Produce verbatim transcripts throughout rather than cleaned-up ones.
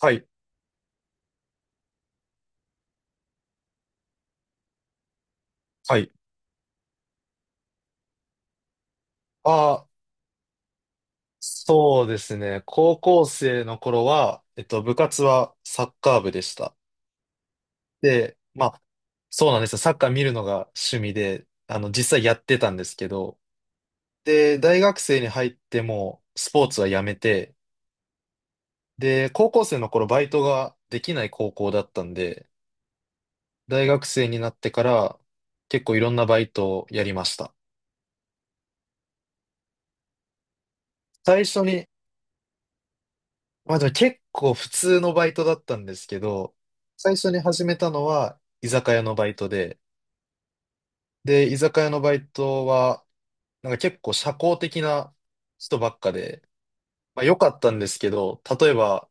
はい。はい。ああ、そうですね。高校生の頃は、えっと、部活はサッカー部でした。で、まあ、そうなんですよ。サッカー見るのが趣味で、あの、実際やってたんですけど、で、大学生に入ってもうスポーツはやめて、で、高校生の頃バイトができない高校だったんで、大学生になってから結構いろんなバイトをやりました。最初にまあでも結構普通のバイトだったんですけど、最初に始めたのは居酒屋のバイトで、で、居酒屋のバイトは、なんか結構社交的な人ばっかで、まあ良かったんですけど、例えば、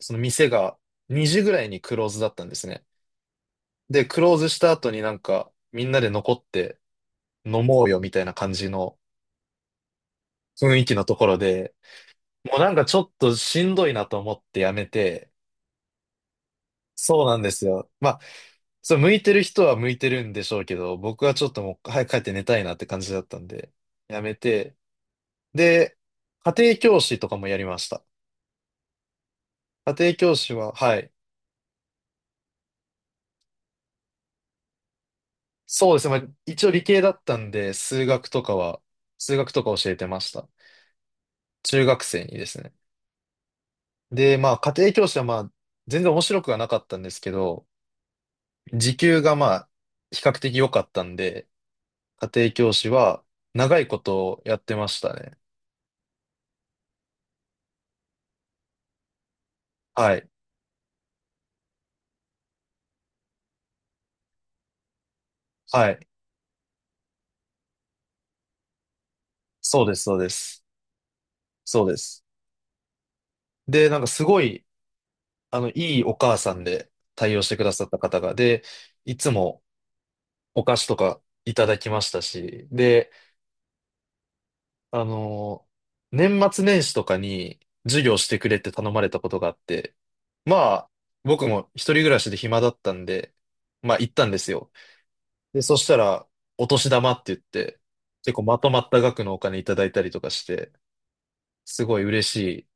その店がにじぐらいにクローズだったんですね。で、クローズした後になんかみんなで残って飲もうよみたいな感じの雰囲気のところで、もうなんかちょっとしんどいなと思ってやめて、そうなんですよ。まあそう、向いてる人は向いてるんでしょうけど、僕はちょっともう早く帰って寝たいなって感じだったんで、やめて。で、家庭教師とかもやりました。家庭教師は、はい。そうですね。まあ、一応理系だったんで、数学とかは、数学とか教えてました。中学生にですね。で、まあ、家庭教師はまあ、全然面白くはなかったんですけど、時給がまあ、比較的良かったんで、家庭教師は長いことやってましたね。はい。はい。そうです、そうです。そうです。で、なんかすごい、あの、いいお母さんで対応してくださった方が、で、いつもお菓子とかいただきましたし、で、あの、年末年始とかに授業してくれって頼まれたことがあって、まあ、僕も一人暮らしで暇だったんで、まあ行ったんですよ。で、そしたら、お年玉って言って、結構まとまった額のお金いただいたりとかして、すごい嬉しい。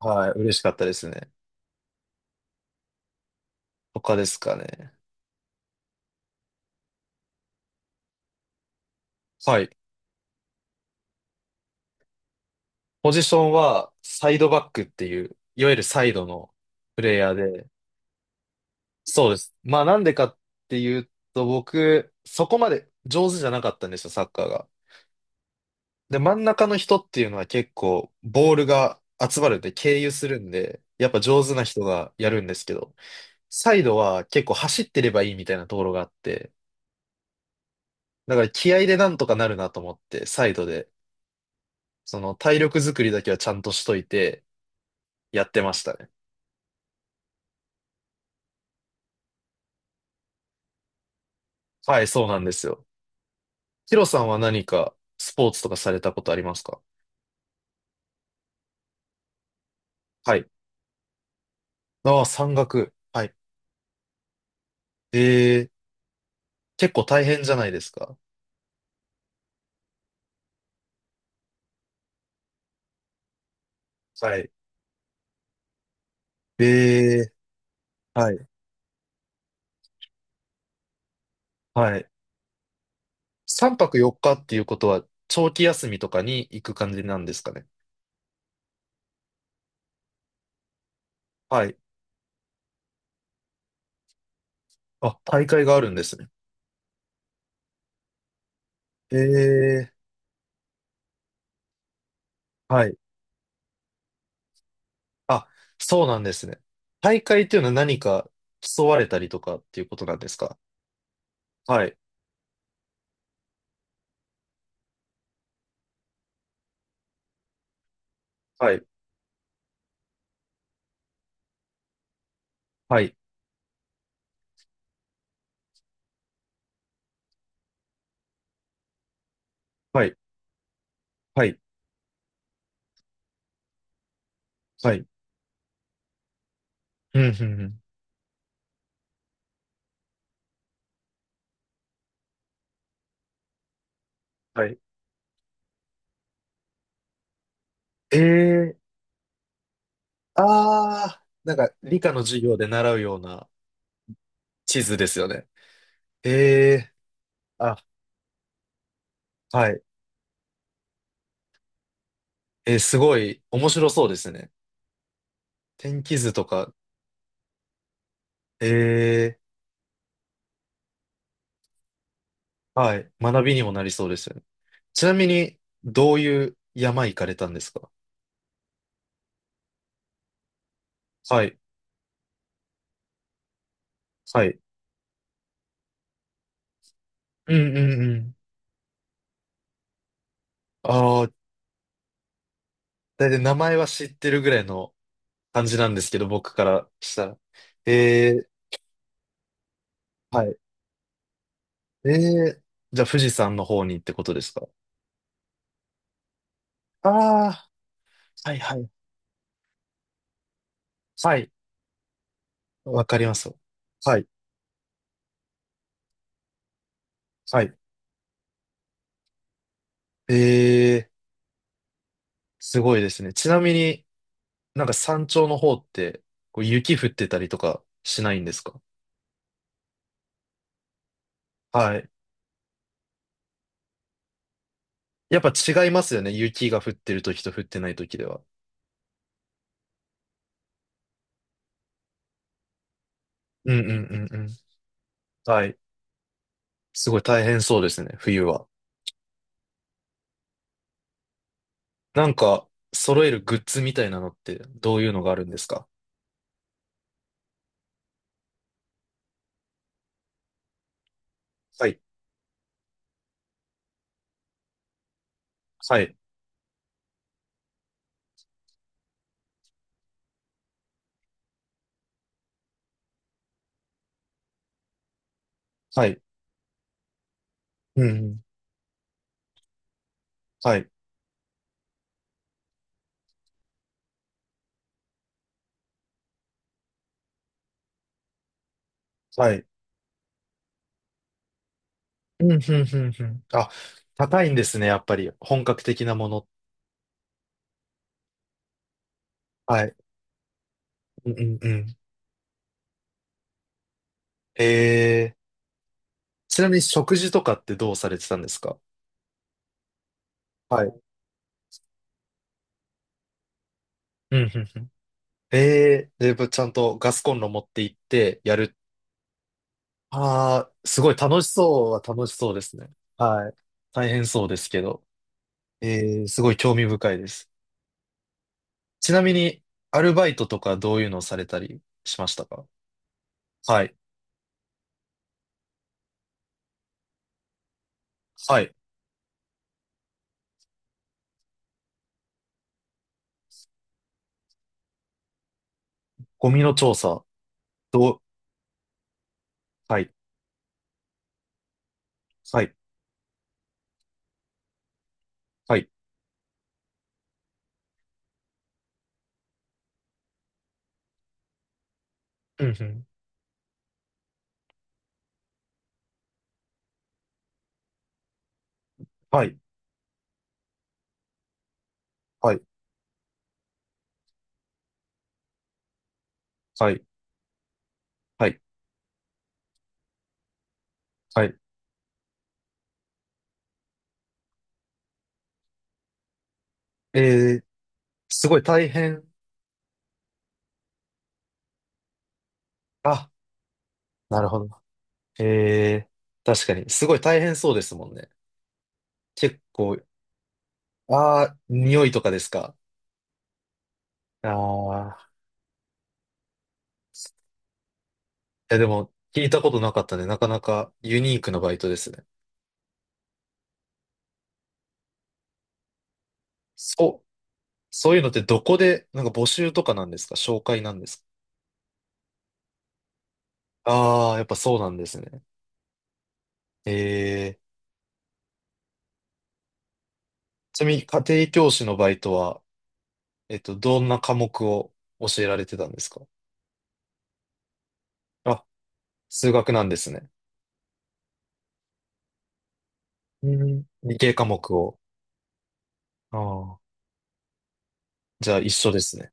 はい、嬉しかったですね。他ですかね。はい。ポジションはサイドバックっていう、いわゆるサイドのプレイヤーで、そうです。まあなんでかっていうと、僕、そこまで上手じゃなかったんですよ、サッカーが。で、真ん中の人っていうのは結構、ボールが集まるんで、経由するんで、やっぱ上手な人がやるんですけど、サイドは結構走ってればいいみたいなところがあって、だから気合でなんとかなるなと思って、サイドで、その体力作りだけはちゃんとしといてやってましたね。はい、そうなんですよ。ヒロさんは何かスポーツとかされたことありますか？はい。ああ、山岳。はい。えー、結構大変じゃないですか？はい。えー、はい。はい。さんぱくよっかっかっていうことは、長期休みとかに行く感じなんですかね？はい。あ、大会があるんですね。えー、はい。あ、そうなんですね。大会っていうのは何か競われたりとかっていうことなんですか？はい。はい。はい。はい。はい。はい。うん、うん、うん。はい。えーああ、なんか理科の授業で習うような地図ですよね。ええ、あ、はい。えー、すごい面白そうですね。天気図とか、ええ、はい。学びにもなりそうですよね。ちなみに、どういう山行かれたんですか？はい。はい。うんうんうん。ああ、だいたい名前は知ってるぐらいの感じなんですけど、僕からしたら。ええ、はい。ええ、じゃあ富士山の方にってことですか？ああー、はいはい。はい。わかります。はい。はい。えー、すごいですね。ちなみになんか山頂の方ってこう雪降ってたりとかしないんですか？はい。やっぱ違いますよね。雪が降ってる時と降ってない時では。うんうんうんうん。はい。すごい大変そうですね、冬は。なんか揃えるグッズみたいなのってどういうのがあるんですか？はい。はい。はい。うんうん。はい。はい。うんうんうんうん。あ、高いんですね、やっぱり。本格的なもの。はい。うんうんうん。へえ。ちなみに食事とかってどうされてたんですか？はい。うんうんうん。へえ、で、ぶちゃんとガスコンロ持って行ってやる。ああ、すごい楽しそうは楽しそうですね。はい。大変そうですけど。えーすごい興味深いです。ちなみに、アルバイトとかどういうのをされたりしましたか？はい。はい。ゴミの調査。どう、はい。はい。はい。うんうん。はい。はい。はい。はい。はい。ええ、すごい大変。あ、なるほど。ええ、確かに。すごい大変そうですもんね。結構、ああ、匂いとかですか？ああー。いや、でも、聞いたことなかったね。なかなかユニークなバイトですね。そう、そういうのってどこで、なんか募集とかなんですか？紹介なんですか？ああー、やっぱそうなんですね。ええ。ちなみに、家庭教師のバイトは、えっと、どんな科目を教えられてたんですか？あ、数学なんですね。うん。理系科目を。ああ、じゃあ一緒ですね。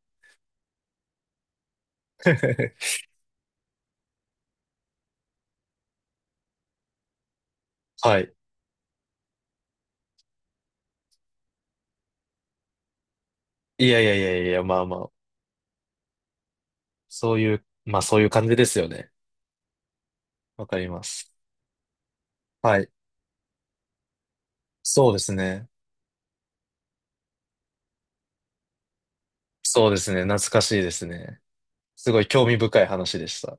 はい。いやいやいやいや、まあまあ、そういう、まあそういう感じですよね。わかります。はい。そうですね。そうですね。懐かしいですね。すごい興味深い話でした。